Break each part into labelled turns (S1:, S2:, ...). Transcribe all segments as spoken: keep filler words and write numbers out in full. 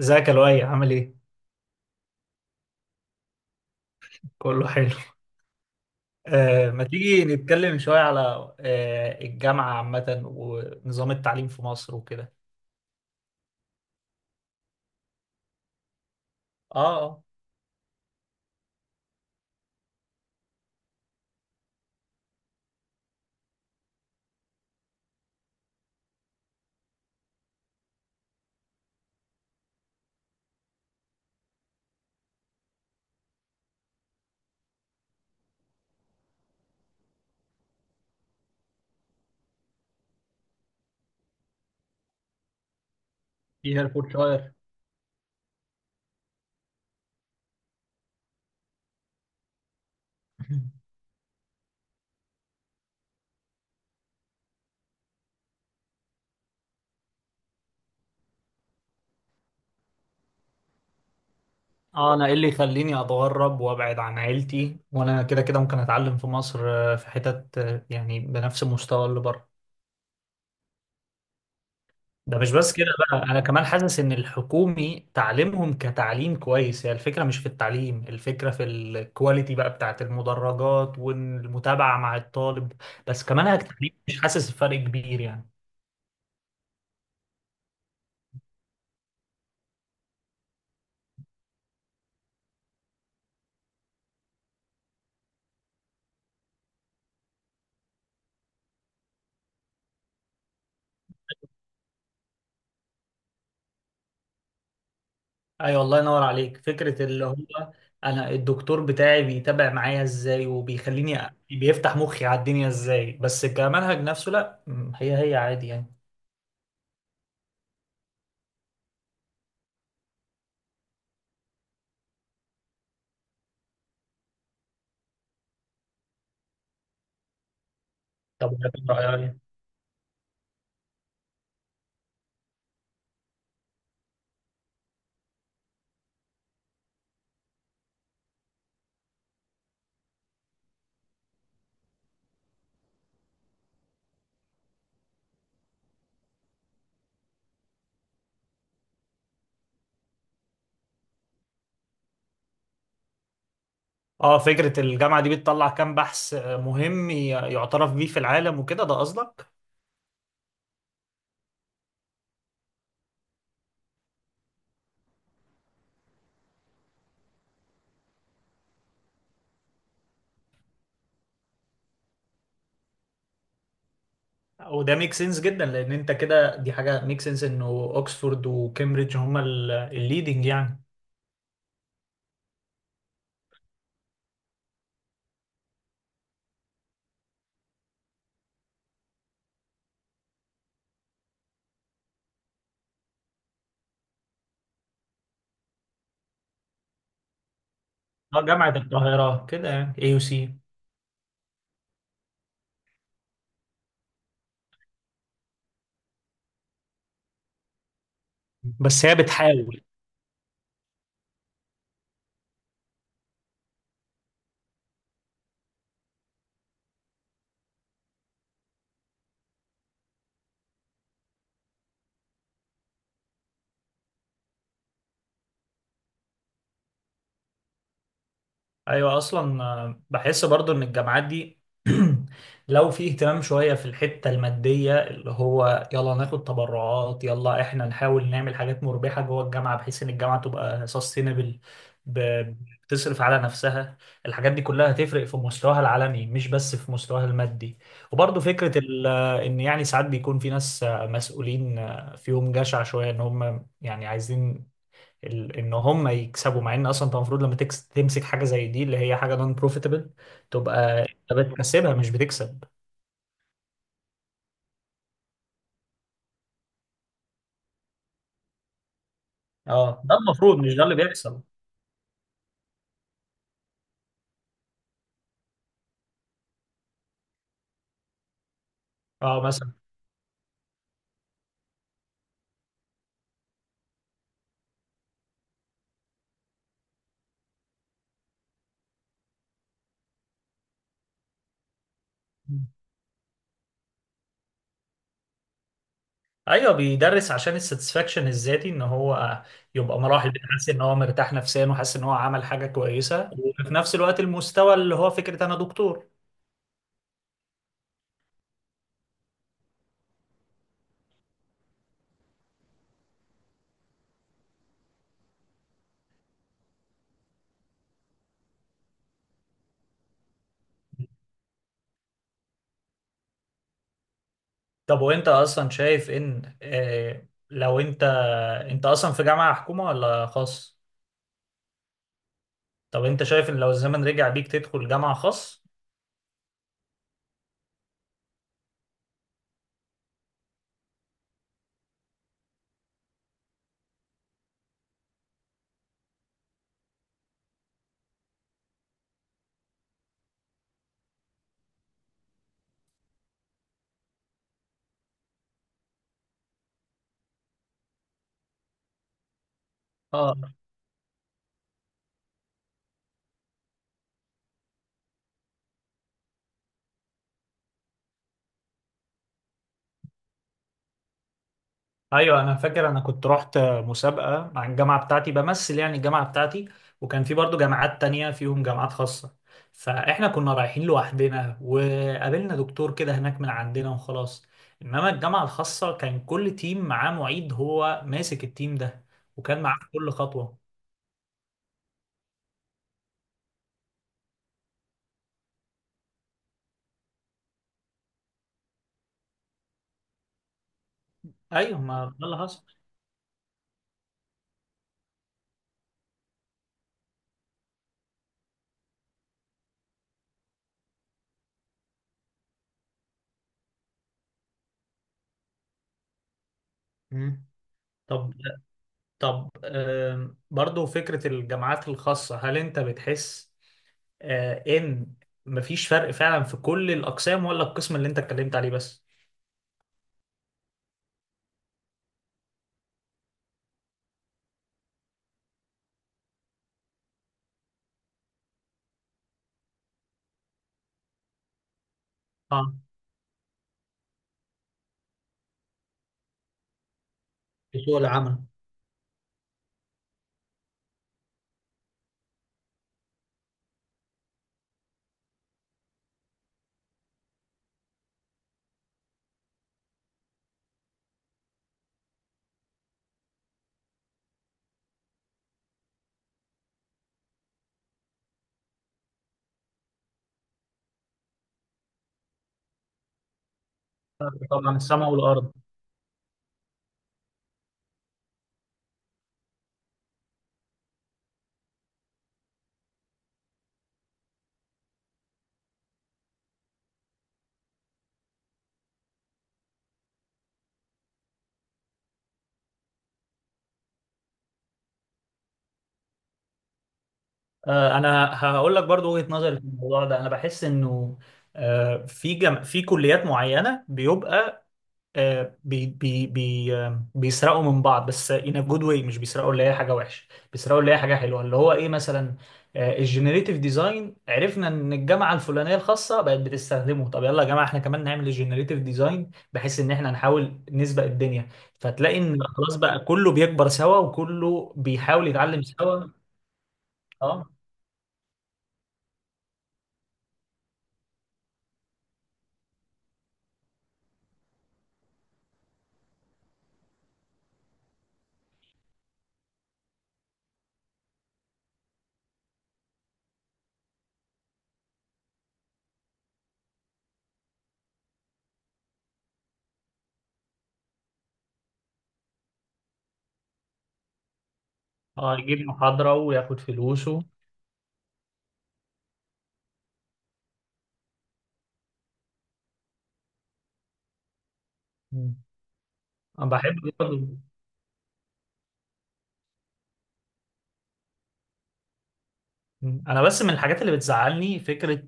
S1: ازيك يا لؤي؟ عامل ايه؟ كله حلو. آه، ما تيجي نتكلم شوية على آه الجامعة عامة ونظام التعليم في مصر وكده. اه اه في هيرفورشاير. اه، انا ايه اللي يخليني اتغرب وابعد عن عيلتي وانا كده كده ممكن اتعلم في مصر، آه، في حتت آه، يعني بنفس المستوى اللي بره. ده مش بس كده بقى، انا كمان حاسس ان الحكومي تعليمهم كتعليم كويس. هي الفكره مش في التعليم، الفكره في الكواليتي بقى بتاعت المدرجات والمتابعه مع الطالب. بس كمان كتعليم مش حاسس بفرق كبير يعني. ايوه، الله ينور عليك. فكره اللي هو انا الدكتور بتاعي بيتابع معايا ازاي، وبيخليني أ- بيفتح مخي على الدنيا ازاي. بس كمنهج نفسه، لا م، هي هي عادي يعني. طب اه، فكرة الجامعة دي بتطلع كام بحث آه، مهم ي- يعترف بيه في العالم وكده؟ ده قصدك. وده ميك سنس جدا، لان انت كده دي حاجة ميك سنس انه اوكسفورد وكامبريدج هما الليدنج يعني. اه، جامعة القاهرة كده يعني، اي يو سي. بس هي بتحاول. ايوه اصلا، آه، بحس برضو ان الجامعات دي لو في اهتمام شويه في الحته الماديه، اللي هو يلا ناخد تبرعات، يلا احنا نحاول نعمل حاجات مربحه جوه الجامعه، بحيث ان الجامعه تبقى سستينبل، بتصرف على نفسها. الحاجات دي كلها هتفرق في مستواها العلمي، مش بس في مستواها المادي. وبرضو فكره ال- آه، ان يعني ساعات بيكون في ناس آه، مسؤولين آه، فيهم جشع شويه، ان هم يعني عايزين ال- ان هم يكسبوا، مع ان اصلا انت المفروض لما تكس تمسك حاجه زي دي اللي هي حاجه نون بروفيتبل، تبقى انت بتكسبها مش بتكسب. اه، ده المفروض، مش ده اللي بيحصل. اه مثلا. ايوه، بيدرس عشان الساتسفاكشن الذاتي، ان هو يبقى مراحل حاسس ان هو مرتاح نفسيا، وحاسس ان هو عمل حاجه كويسه، وفي نفس الوقت المستوى اللي هو فكره انا دكتور. طب وانت اصلا شايف ان آه، لو انت، انت اصلا في جامعه حكومه ولا خاص؟ طب انت شايف ان لو الزمن رجع بيك تدخل جامعه خاص؟ اه. ايوه انا فاكر، انا كنت رحت مسابقه مع الجامعه بتاعتي، بمثل يعني الجامعه بتاعتي، وكان في برضو جامعات تانية فيهم جامعات خاصه. فاحنا كنا رايحين لوحدنا، وقابلنا دكتور كده هناك من عندنا وخلاص. انما الجامعه الخاصه كان كل تيم معاه معيد هو ماسك التيم ده، وكان معاه في كل خطوه. ايوه، ما ده اللي حصل. مم. طب، طب آم، برضو فكرة الجامعات الخاصة، هل انت بتحس آه، ان مفيش فرق فعلا في كل الاقسام، ولا القسم اللي انت اتكلمت عليه بس؟ اه، في سوق العمل. فرق طبعا السماء والارض. آه، انا هقول لك برضو وجهة نظري في الموضوع ده. انا بحس انه آه، في جم... في كليات معينة بيبقى آه، بي بي بي آه، بيسرقوا من بعض، بس in a good way. مش بيسرقوا اللي هي حاجة وحشة، بيسرقوا اللي هي حاجة حلوة. اللي هو ايه مثلا؟ الجنريتيف ديزاين. عرفنا ان الجامعة الفلانية الخاصة بقت بتستخدمه، طب يلا يا جماعة احنا كمان نعمل الجنريتيف ديزاين، بحيث ان احنا نحاول نسبق الدنيا. فتلاقي ان خلاص بقى كله بيكبر سوا، وكله بيحاول يتعلم سوا. اه. اه، يجيب محاضرة وياخد فلوسه. مم. انا بحب. مم. انا بس من الحاجات اللي بتزعلني فكره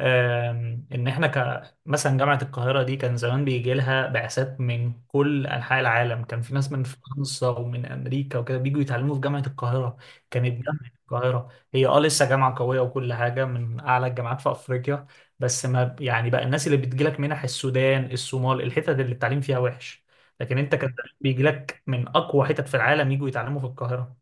S1: آم، ان احنا ك مثلا جامعه القاهره دي كان زمان بيجي لها بعثات من كل انحاء العالم. كان في ناس من فرنسا ومن امريكا وكده بيجوا يتعلموا في جامعه القاهره. كانت جامعه القاهره هي اه لسه جامعه قويه وكل حاجه، من اعلى الجامعات في افريقيا. بس ما يعني بقى الناس اللي بتجيلك منح، السودان، الصومال، الحتت اللي التعليم فيها وحش. لكن انت كان بيجيلك من اقوى حتت في العالم يجوا يتعلموا في القاهره.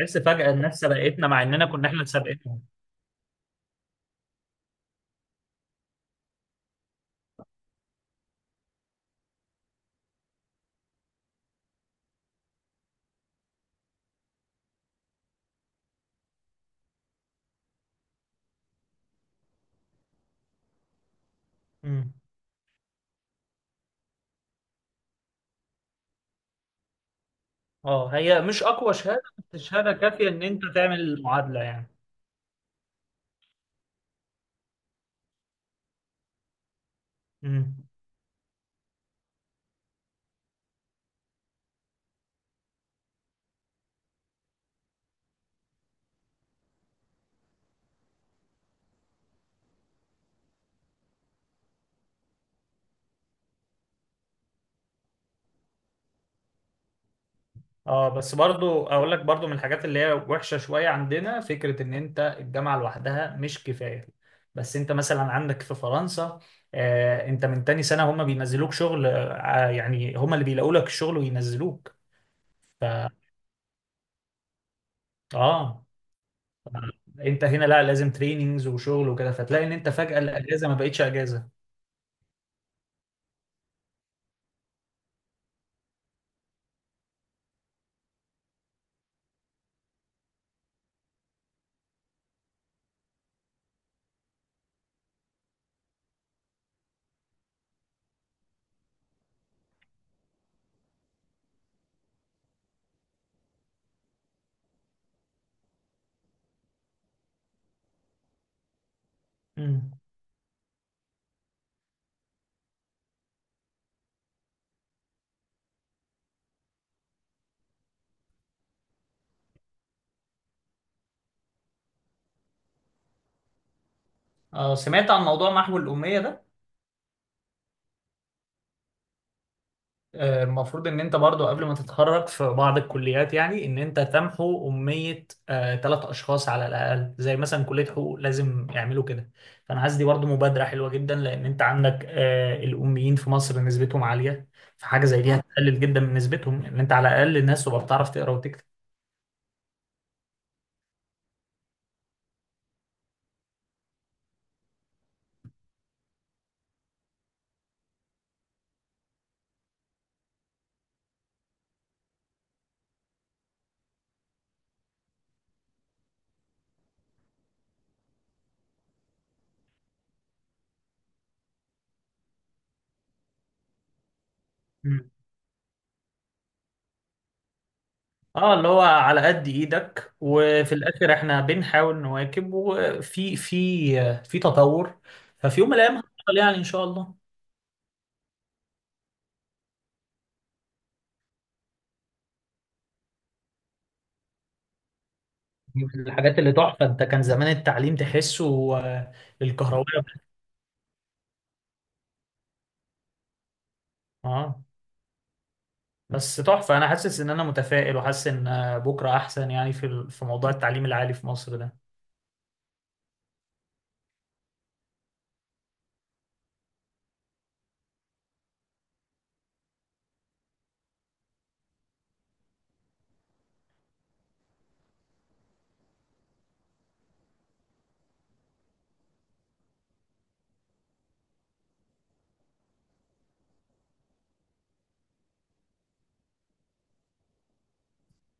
S1: بس فجأة الناس سبقتنا، مع اننا كنا احنا سابقين. مم. اه هي مش اقوى شهاده، بس شهاده كافيه ان انت تعمل المعادله يعني. مم. اه، بس برضو اقول لك برضو من الحاجات اللي هي وحشه شويه عندنا، فكره ان انت الجامعه لوحدها مش كفايه. بس انت مثلا عندك في فرنسا، آه انت من تاني سنه هم بينزلوك شغل، آه يعني هم اللي بيلاقوا لك الشغل وينزلوك. ف اه. انت هنا لا، لازم تريننجز وشغل وكده، فتلاقي ان انت فجاه الاجازه ما بقتش اجازه. مم. اه، سمعت عن موضوع محو الاميه ده؟ آه، المفروض ان انت برضو قبل ما تتخرج في بعض الكليات، يعني ان انت تمحو امية ثلاث اشخاص على الاقل، زي مثلا كلية حقوق لازم يعملوا كده. فانا حاسس دي برضو مبادرة حلوة جدا، لان انت عندك آه، الاميين في مصر نسبتهم عالية. فحاجة زي دي مم. هتقلل جدا من نسبتهم، ان انت على الاقل الناس تبقى بتعرف تقرا وتكتب. مم. اه، اللي هو على قد ايدك، وفي الاخر احنا بنحاول نواكب، وفي في آه، في تطور. ففي يوم من الايام هنوصل يعني ان شاء الله. دي من الحاجات اللي تحفة. انت كان زمان التعليم تحسه آه، الكهربائي. اه. بس تحفة، انا حاسس ان انا متفائل، وحاسس ان آه، بكرة احسن يعني في ال- في موضوع التعليم العالي في مصر ده.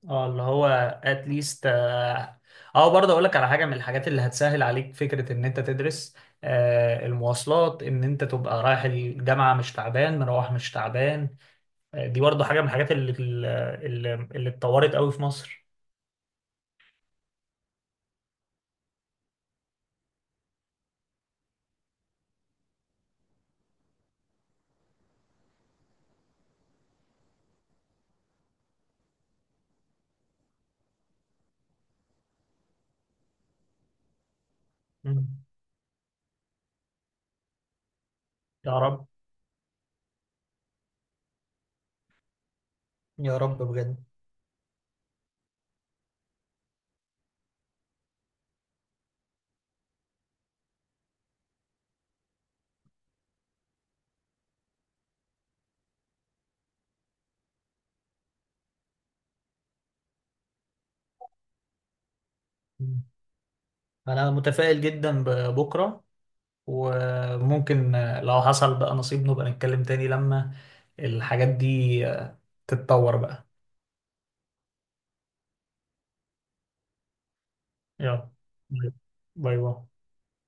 S1: اه اللي هو اتليست اه. آه، برضه اقول لك على حاجة من الحاجات اللي هتسهل عليك فكرة ان انت تدرس: آه المواصلات. ان انت تبقى رايح الجامعة مش تعبان، مروح مش تعبان. آه، دي برضه حاجة من الحاجات اللي اللي, اللي اتطورت قوي في مصر. مم. يا رب. يا رب بجد. انا متفائل جدا ببكره. وممكن لو حصل بقى نصيب نبقى نتكلم تاني لما الحاجات دي تتطور بقى. يلا. باي. باي باي